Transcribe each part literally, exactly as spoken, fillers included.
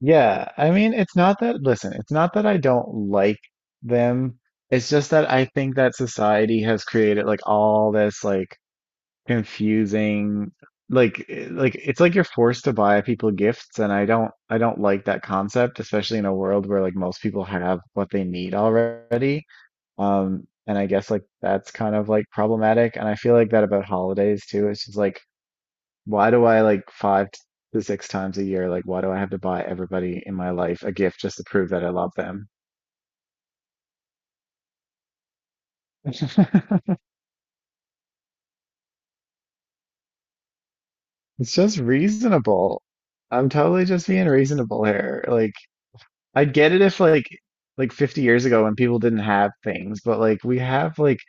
Yeah, I mean, it's not that, listen, it's not that I don't like them. It's just that I think that society has created like all this like confusing like eh, like it's like you're forced to buy people gifts and I don't I don't like that concept, especially in a world where like most people have what they need already. Um and I guess like that's kind of like problematic and I feel like that about holidays too. It's just like why do I like five to six times a year? Like, why do I have to buy everybody in my life a gift just to prove that I love them? It's just reasonable. I'm totally just being reasonable here. Like, I'd get it if like like fifty years ago when people didn't have things, but like we have like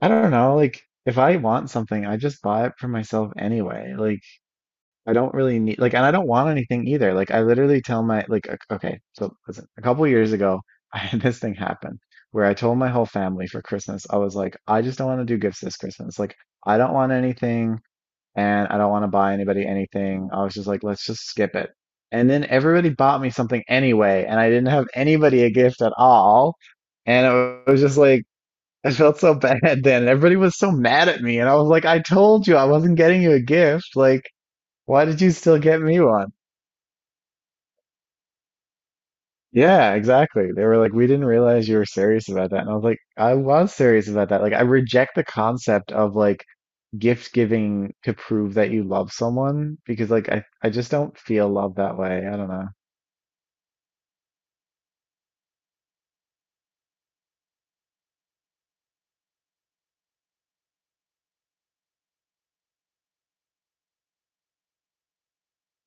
I don't know, like if I want something, I just buy it for myself anyway. Like I don't really need like, and I don't want anything either. Like, I literally tell my like, o- okay, so listen, a couple years ago, I had this thing happen where I told my whole family for Christmas, I was like, I just don't want to do gifts this Christmas. Like, I don't want anything, and I don't want to buy anybody anything. I was just like, let's just skip it. And then everybody bought me something anyway, and I didn't have anybody a gift at all. And it was just like, I felt so bad then. Everybody was so mad at me, and I was like, I told you I wasn't getting you a gift, like. Why did you still get me one? Yeah, exactly. They were like, we didn't realize you were serious about that. And I was like, I was serious about that. Like, I reject the concept of like gift giving to prove that you love someone because like I, I just don't feel love that way. I don't know.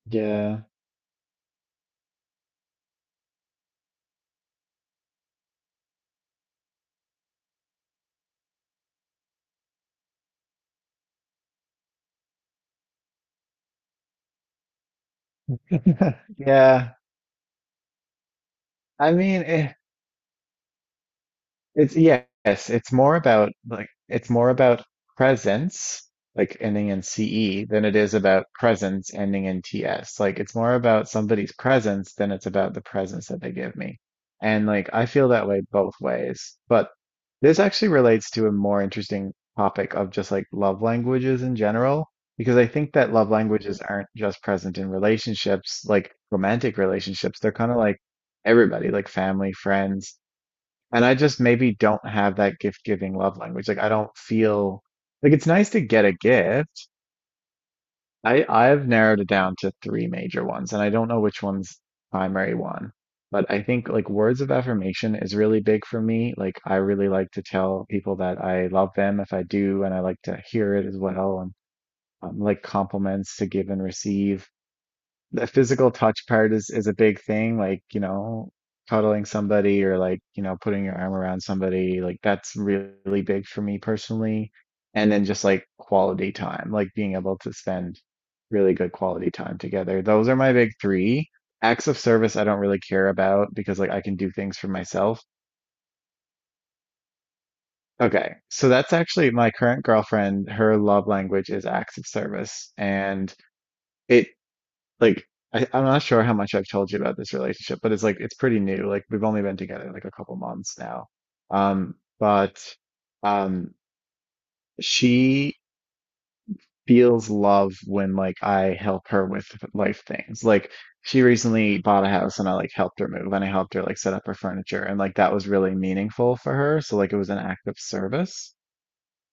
Yeah. Yeah. I mean, eh, It's yes, it's more about like it's more about presence, like ending in C E, than it is about presence ending in T S. Like it's more about somebody's presence than it's about the presence that they give me. And like I feel that way both ways. But this actually relates to a more interesting topic of just like love languages in general, because I think that love languages aren't just present in relationships, like romantic relationships. They're kind of like everybody, like family, friends and I just maybe don't have that gift giving love language. Like I don't feel like it's nice to get a gift. I I've narrowed it down to three major ones, and I don't know which one's primary one. But I think like words of affirmation is really big for me. Like I really like to tell people that I love them if I do, and I like to hear it as well, and um, like compliments to give and receive the physical touch part is is a big thing like you know cuddling somebody or like you know putting your arm around somebody like that's really big for me personally and then just like quality time like being able to spend really good quality time together those are my big three acts of service I don't really care about because like I can do things for myself okay so that's actually my current girlfriend her love language is acts of service and it like I, I'm not sure how much I've told you about this relationship, but it's like it's pretty new. Like we've only been together like a couple months now. Um, but um she feels love when like I help her with life things. Like she recently bought a house and I like helped her move and I helped her like set up her furniture and like that was really meaningful for her. So like it was an act of service.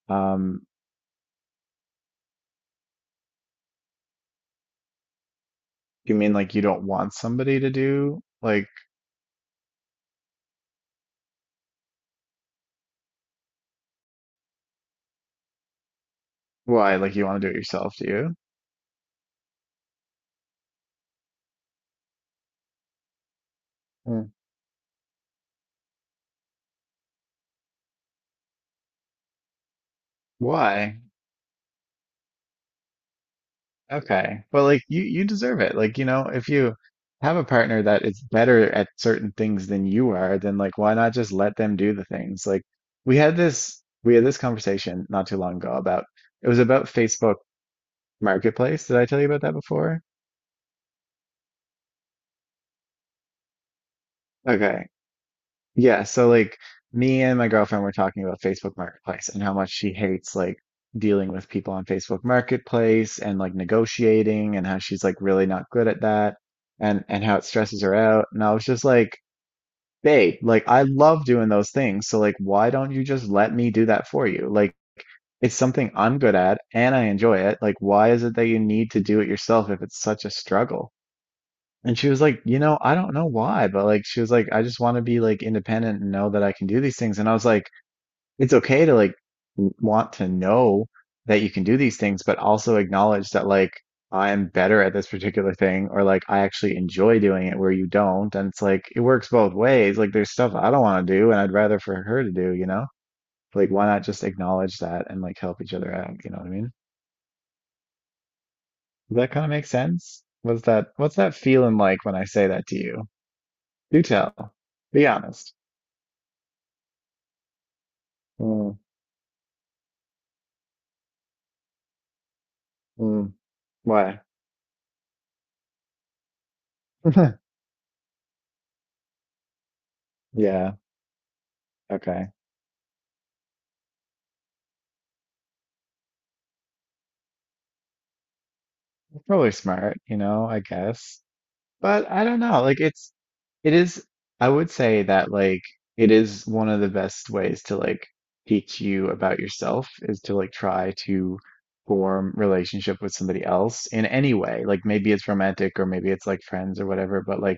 Um, you mean like you don't want somebody to do like why? Like you want to do it yourself, do you? Mm. Why? Okay. Well, like you you deserve it. Like, you know, if you have a partner that is better at certain things than you are, then like why not just let them do the things? Like we had this we had this conversation not too long ago about it was about Facebook Marketplace. Did I tell you about that before? Okay. Yeah, so like me and my girlfriend were talking about Facebook Marketplace and how much she hates like dealing with people on Facebook Marketplace and like negotiating and how she's like really not good at that and and how it stresses her out. And I was just like, babe, like I love doing those things. So like why don't you just let me do that for you? Like it's something I'm good at and I enjoy it. Like why is it that you need to do it yourself if it's such a struggle? And she was like, you know, I don't know why, but like she was like, I just want to be like independent and know that I can do these things. And I was like, it's okay to like w- want to know that you can do these things, but also acknowledge that like I am better at this particular thing or like I actually enjoy doing it where you don't. And it's like it works both ways. Like there's stuff I don't want to do and I'd rather for her to do, you know? Like why not just acknowledge that and like help each other out, you know what I mean? Does that kind of make sense? What's that what's that feeling like when I say that to you? Do tell. Be honest. Mm, mm, what? Yeah. Okay. Probably smart, you know, I guess. But I don't know. Like it's it is I would say that like it is one of the best ways to like teach you about yourself is to like try to form relationship with somebody else in any way. Like maybe it's romantic or maybe it's like friends or whatever, but like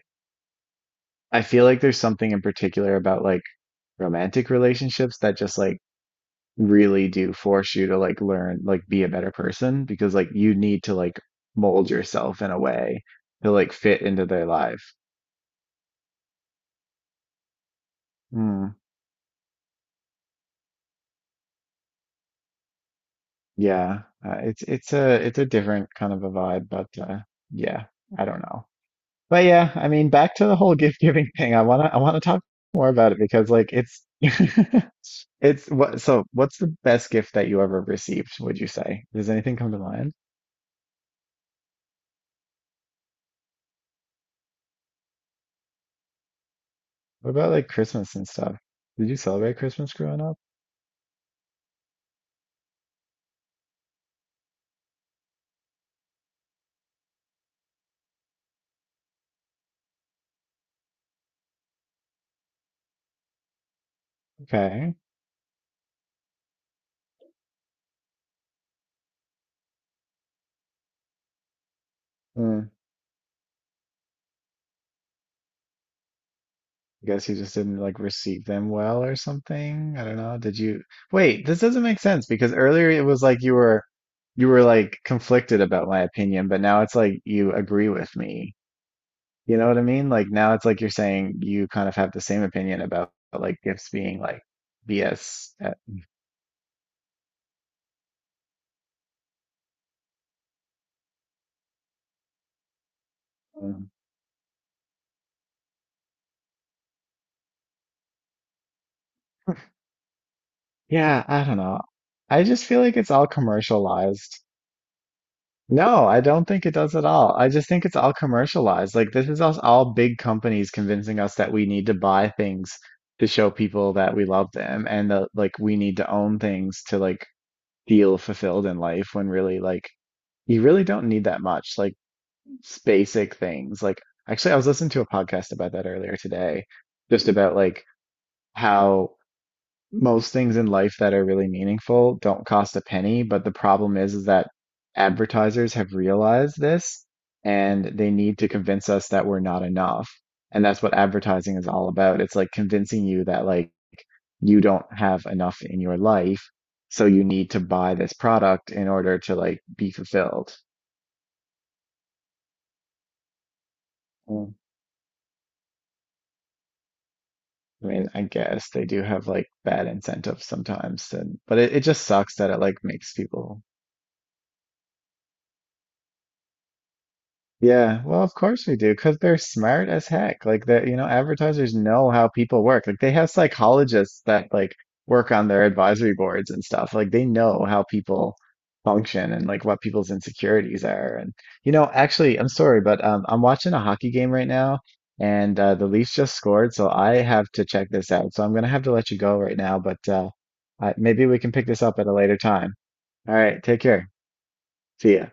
I feel like there's something in particular about like romantic relationships that just like really do force you to like learn like be a better person because like you need to like mold yourself in a way to like fit into their life. Mm, yeah, uh, it's it's a it's a different kind of a vibe, but uh, yeah, I don't know. But yeah, I mean, back to the whole gift giving thing. I wanna I wanna talk more about it because like it's it's what so what's the best gift that you ever received, would you say? Does anything come to mind? What about like Christmas and stuff? Did you celebrate Christmas growing up? Okay. Mm, I guess he just didn't like receive them well or something. I don't know. Did you wait, this doesn't make sense because earlier it was like you were you were like conflicted about my opinion, but now it's like you agree with me. You know what I mean? Like now it's like you're saying you kind of have the same opinion about like gifts being like B S. at- um, yeah, I don't know. I just feel like it's all commercialized. No, I don't think it does at all. I just think it's all commercialized. Like this is us all big companies convincing us that we need to buy things to show people that we love them and that like we need to own things to like feel fulfilled in life when really like you really don't need that much. Like s- basic things. Like actually I was listening to a podcast about that earlier today, just about like how most things in life that are really meaningful don't cost a penny, but the problem is, is that advertisers have realized this and they need to convince us that we're not enough. And that's what advertising is all about. It's like convincing you that like you don't have enough in your life, so you need to buy this product in order to like be fulfilled. Mm. I mean, I guess they do have like bad incentives sometimes, and but it, it just sucks that it like makes people yeah, well, of course we do, because they're smart as heck. Like that, you know, advertisers know how people work. Like they have psychologists that like work on their advisory boards and stuff. Like they know how people function and like what people's insecurities are. And you know, actually, I'm sorry, but um, I'm watching a hockey game right now, and uh, the Leafs just scored, so I have to check this out. So I'm gonna have to let you go right now, but uh, uh, maybe we can pick this up at a later time. All right, take care. See ya.